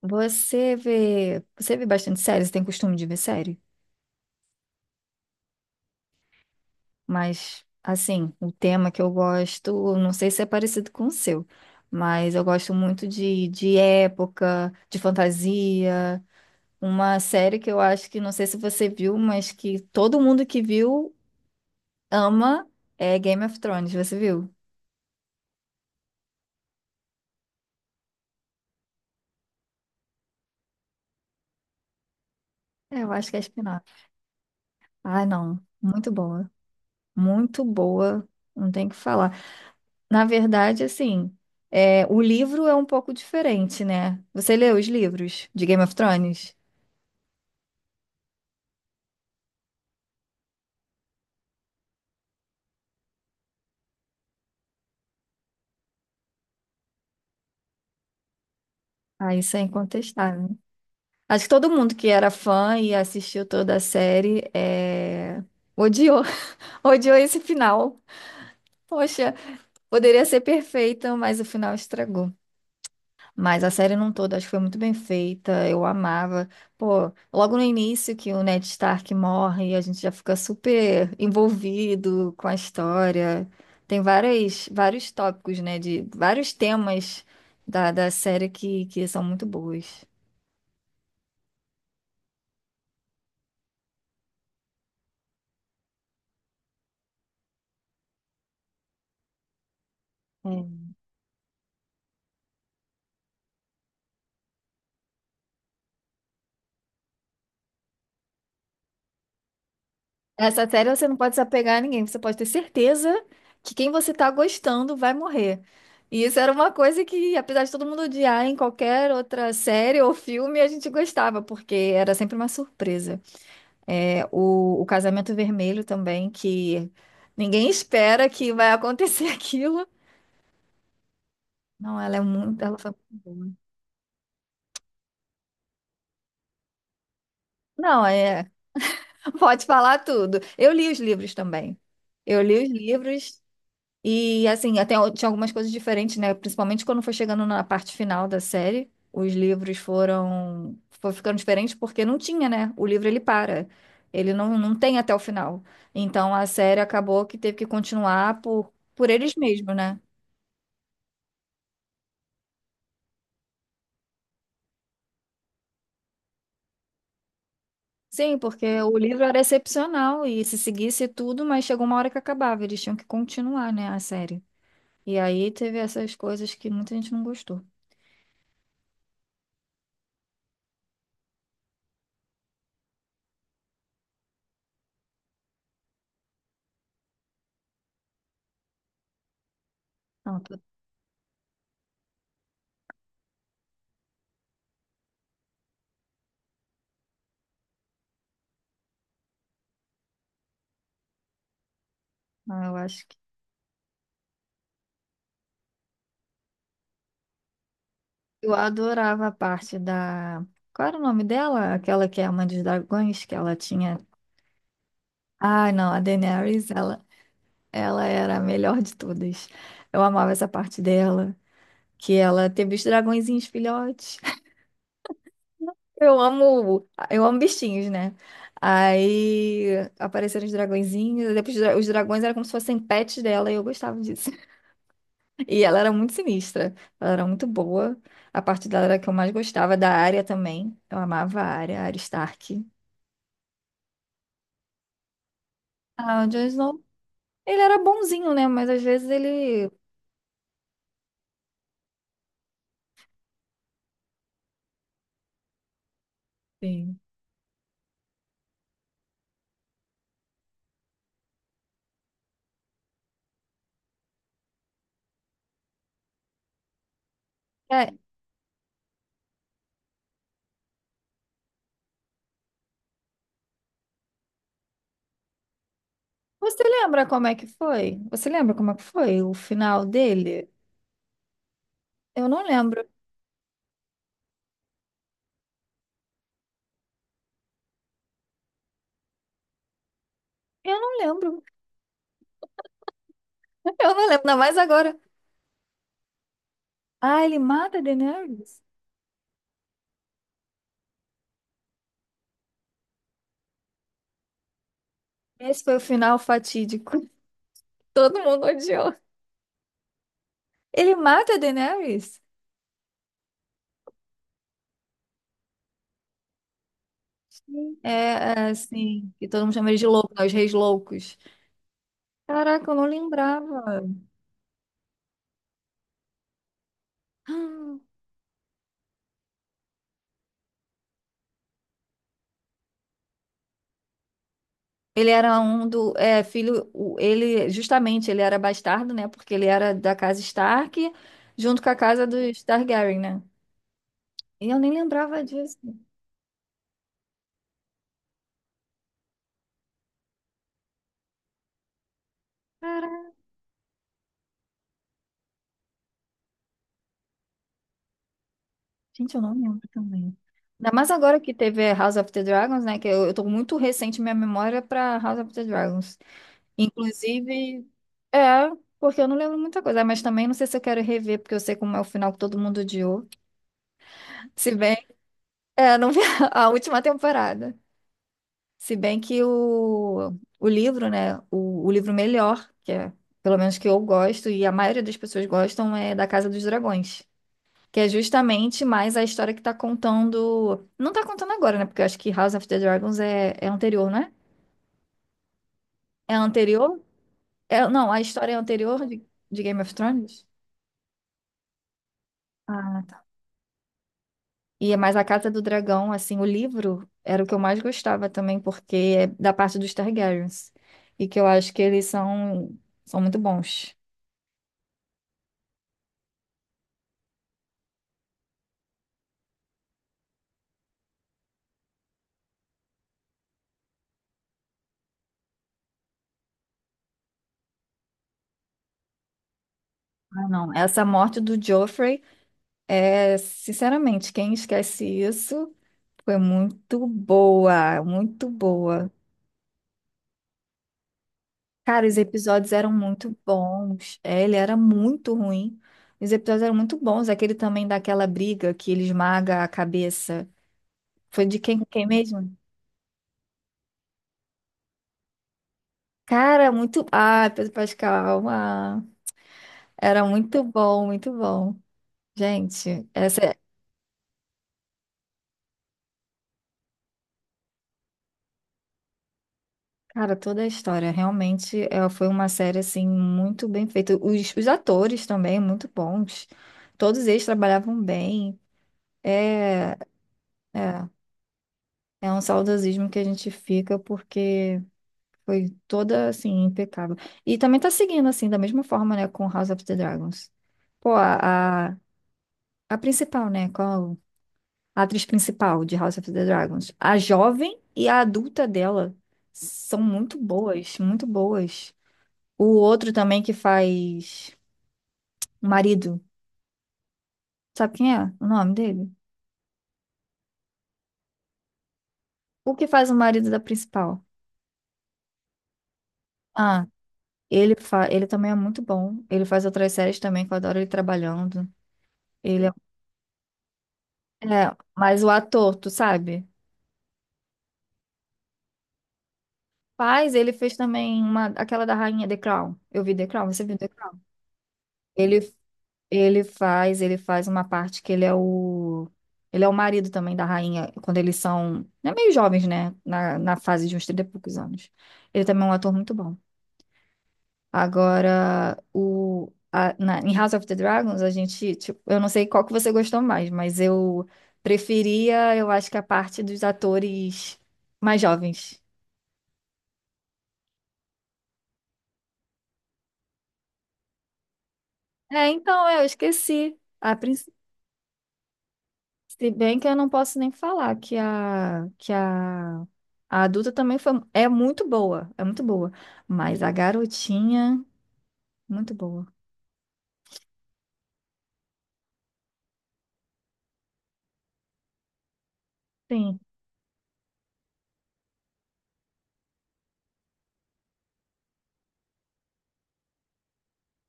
Você vê bastante série, você tem costume de ver série? Mas, assim, o tema que eu gosto, não sei se é parecido com o seu, mas eu gosto muito de época, de fantasia. Uma série que eu acho que, não sei se você viu, mas que todo mundo que viu ama é Game of Thrones, você viu? É, eu acho que é spin-off. Ah, não, muito boa, não tem o que falar. Na verdade, assim, é, o livro é um pouco diferente, né? Você leu os livros de Game of Thrones? Ah, isso é incontestável. Acho que todo mundo que era fã e assistiu toda a série odiou, odiou esse final. Poxa, poderia ser perfeito, mas o final estragou. Mas a série não toda, acho que foi muito bem feita, eu amava. Pô, logo no início que o Ned Stark morre, a gente já fica super envolvido com a história. Tem várias, vários tópicos, né, de vários temas da série que são muito boas. É. Essa série você não pode se apegar a ninguém, você pode ter certeza que quem você tá gostando vai morrer. E isso era uma coisa que, apesar de todo mundo odiar em qualquer outra série ou filme, a gente gostava, porque era sempre uma surpresa. É, o Casamento Vermelho também, que ninguém espera que vai acontecer aquilo. Não, ela é muito, ela foi muito boa. Não, é, pode falar tudo. Eu li os livros também. Eu li os livros. E assim, tinha algumas coisas diferentes, né? Principalmente quando foi chegando na parte final da série, os livros foram, foi ficando diferentes porque não tinha, né? O livro ele para. Ele não, não tem até o final. Então a série acabou que teve que continuar por eles mesmos, né? Sim, porque o livro era excepcional e se seguisse tudo, mas chegou uma hora que acabava, eles tinham que continuar, né, a série. E aí teve essas coisas que muita gente não gostou. Então, tô- eu acho que eu adorava a parte da. Qual era o nome dela? Aquela que é a mãe dos dragões, que ela tinha. Ah, não, a Daenerys, ela era a melhor de todas. Eu amava essa parte dela, que ela teve os dragõezinhos filhotes. Eu amo bichinhos, né? Aí apareceram os dragõezinhos, depois os dragões eram como se fossem pets dela, e eu gostava disso. E ela era muito sinistra, ela era muito boa. A parte dela era a que eu mais gostava, da área também. Eu amava a área, a Arya Stark. Ah, o Jon Snow, ele era bonzinho, né? Mas às vezes ele. Sim. É, você lembra como é que foi? Você lembra como é que foi o final dele? Eu não lembro. Eu não lembro. Eu não lembro, ainda mais agora. Ah, ele mata a Daenerys? Esse foi o final fatídico. Todo mundo odiou. Ele mata a Daenerys? Sim. Assim, que todo mundo chama ele de louco, né? Os reis loucos. Caraca, eu não lembrava. Ele era um do filho, ele justamente ele era bastardo, né? Porque ele era da casa Stark, junto com a casa dos Targaryen, né? E eu nem lembrava disso. Caraca, gente, eu não lembro também. Ainda mais agora que teve House of the Dragons, né? Que eu tô muito recente minha memória pra House of the Dragons. Inclusive, é, porque eu não lembro muita coisa, mas também não sei se eu quero rever, porque eu sei como é o final que todo mundo odiou. Se bem, é, não vi a última temporada. Se bem que o livro, né? O livro melhor, que é pelo menos que eu gosto, e a maioria das pessoas gostam, é da Casa dos Dragões. Que é justamente mais a história que tá contando. Não tá contando agora, né? Porque eu acho que House of the Dragons é anterior, né? É É anterior? É, não, a história é anterior de Game of Thrones. Ah, tá. E é mais a Casa do Dragão, assim, o livro era o que eu mais gostava também, porque é da parte dos Targaryens. E que eu acho que eles são, são muito bons. Ah, não, essa morte do Joffrey sinceramente, quem esquece isso foi muito boa, muito boa. Cara, os episódios eram muito bons. É, ele era muito ruim. Os episódios eram muito bons. Aquele também daquela briga que ele esmaga a cabeça. Foi de quem com quem mesmo? Cara, muito. Ah, Pedro Pascal. Ah, era muito bom, muito bom. Gente, essa, cara, toda a história realmente foi uma série assim muito bem feita. Os atores também muito bons. Todos eles trabalhavam bem. É, é, é um saudosismo que a gente fica porque foi toda assim impecável. E também tá seguindo assim da mesma forma, né, com House of the Dragons. Pô, a principal, né, qual a atriz principal de House of the Dragons, a jovem e a adulta dela são muito boas, muito boas. O outro também que faz o marido. Sabe quem é o nome dele? O que faz o marido da principal? Ah, ele, fa... ele também é muito bom. Ele faz outras séries também, que eu adoro ele trabalhando. Ele é... é, mas o ator, tu sabe? Faz, ele fez também uma... aquela da Rainha The Crown. Eu vi The Crown, você viu The Crown? Ele, ele faz uma parte que ele é o. Ele é o marido também da rainha, quando eles são, né, meio jovens, né? Na fase de uns 30 e poucos anos. Ele também é um ator muito bom. Agora, em House of the Dragons, a gente, tipo, eu não sei qual que você gostou mais, mas eu preferia, eu acho que a parte dos atores mais jovens. É, então, é, eu esqueci. A princ- se bem que eu não posso nem falar que a adulta também foi, é muito boa, é muito boa. Mas a garotinha, muito boa. Sim.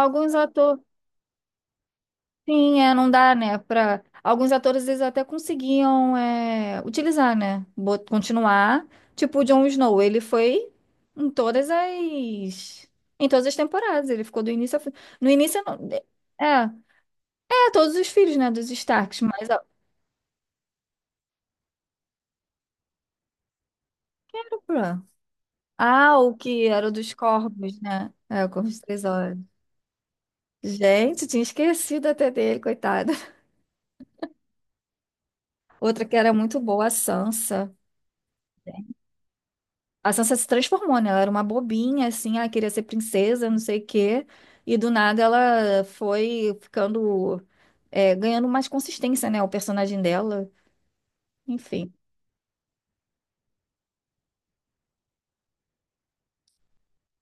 Alguns atores. Sim, é, não dá, né? Para alguns atores eles até conseguiam utilizar, né? Bot- Continuar. Tipo o Jon Snow, ele foi em todas as em todas as temporadas, ele ficou do início ao fim. No início não, é, é todos os filhos, né, dos Starks, mas ó, quem era o Bran? Ah, o que era o dos Corvos, né? É, o Corvos Três Olhos. Gente, tinha esquecido até dele, coitado. Outra que era muito boa, a Sansa. A Sansa se transformou, né? Ela era uma bobinha, assim, ela queria ser princesa, não sei o quê. E do nada ela foi ficando, é, ganhando mais consistência, né? O personagem dela. Enfim,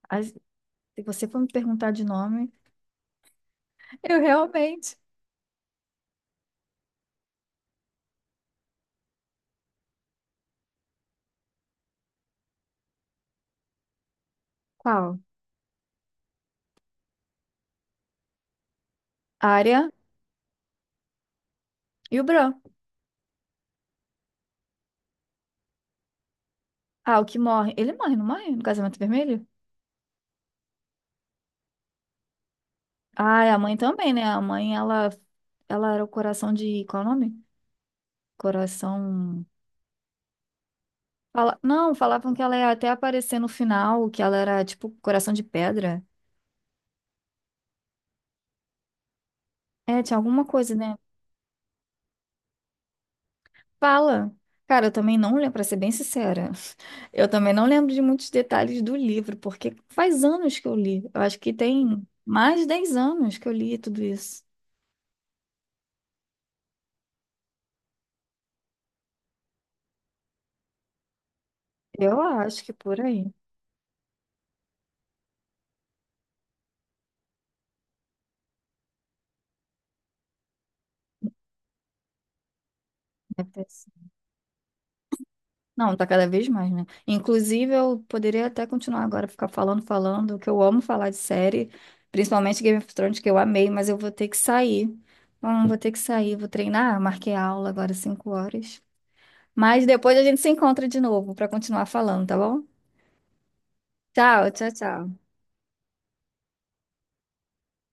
as- se você for me perguntar de nome, eu realmente. Qual? Arya e o Bran. Ah, o que morre. Ele morre, não morre? No Casamento Vermelho? Ah, e a mãe também, né? A mãe, ela era o coração de. Qual é o nome? Coração. Fala... Não, falavam que ela ia até aparecer no final, que ela era tipo coração de pedra. É, tinha alguma coisa, né? Fala. Cara, eu também não lembro, pra ser bem sincera. Eu também não lembro de muitos detalhes do livro, porque faz anos que eu li. Eu acho que tem mais de 10 anos que eu li tudo isso. Eu acho que por aí. Não, tá cada vez mais, né? Inclusive, eu poderia até continuar agora, ficar falando, falando, que eu amo falar de série, principalmente Game of Thrones, que eu amei, mas eu vou ter que sair. Vou ter que sair, vou treinar, marquei aula agora 5 horas. Mas depois a gente se encontra de novo para continuar falando, tá bom? Tchau, tchau, tchau.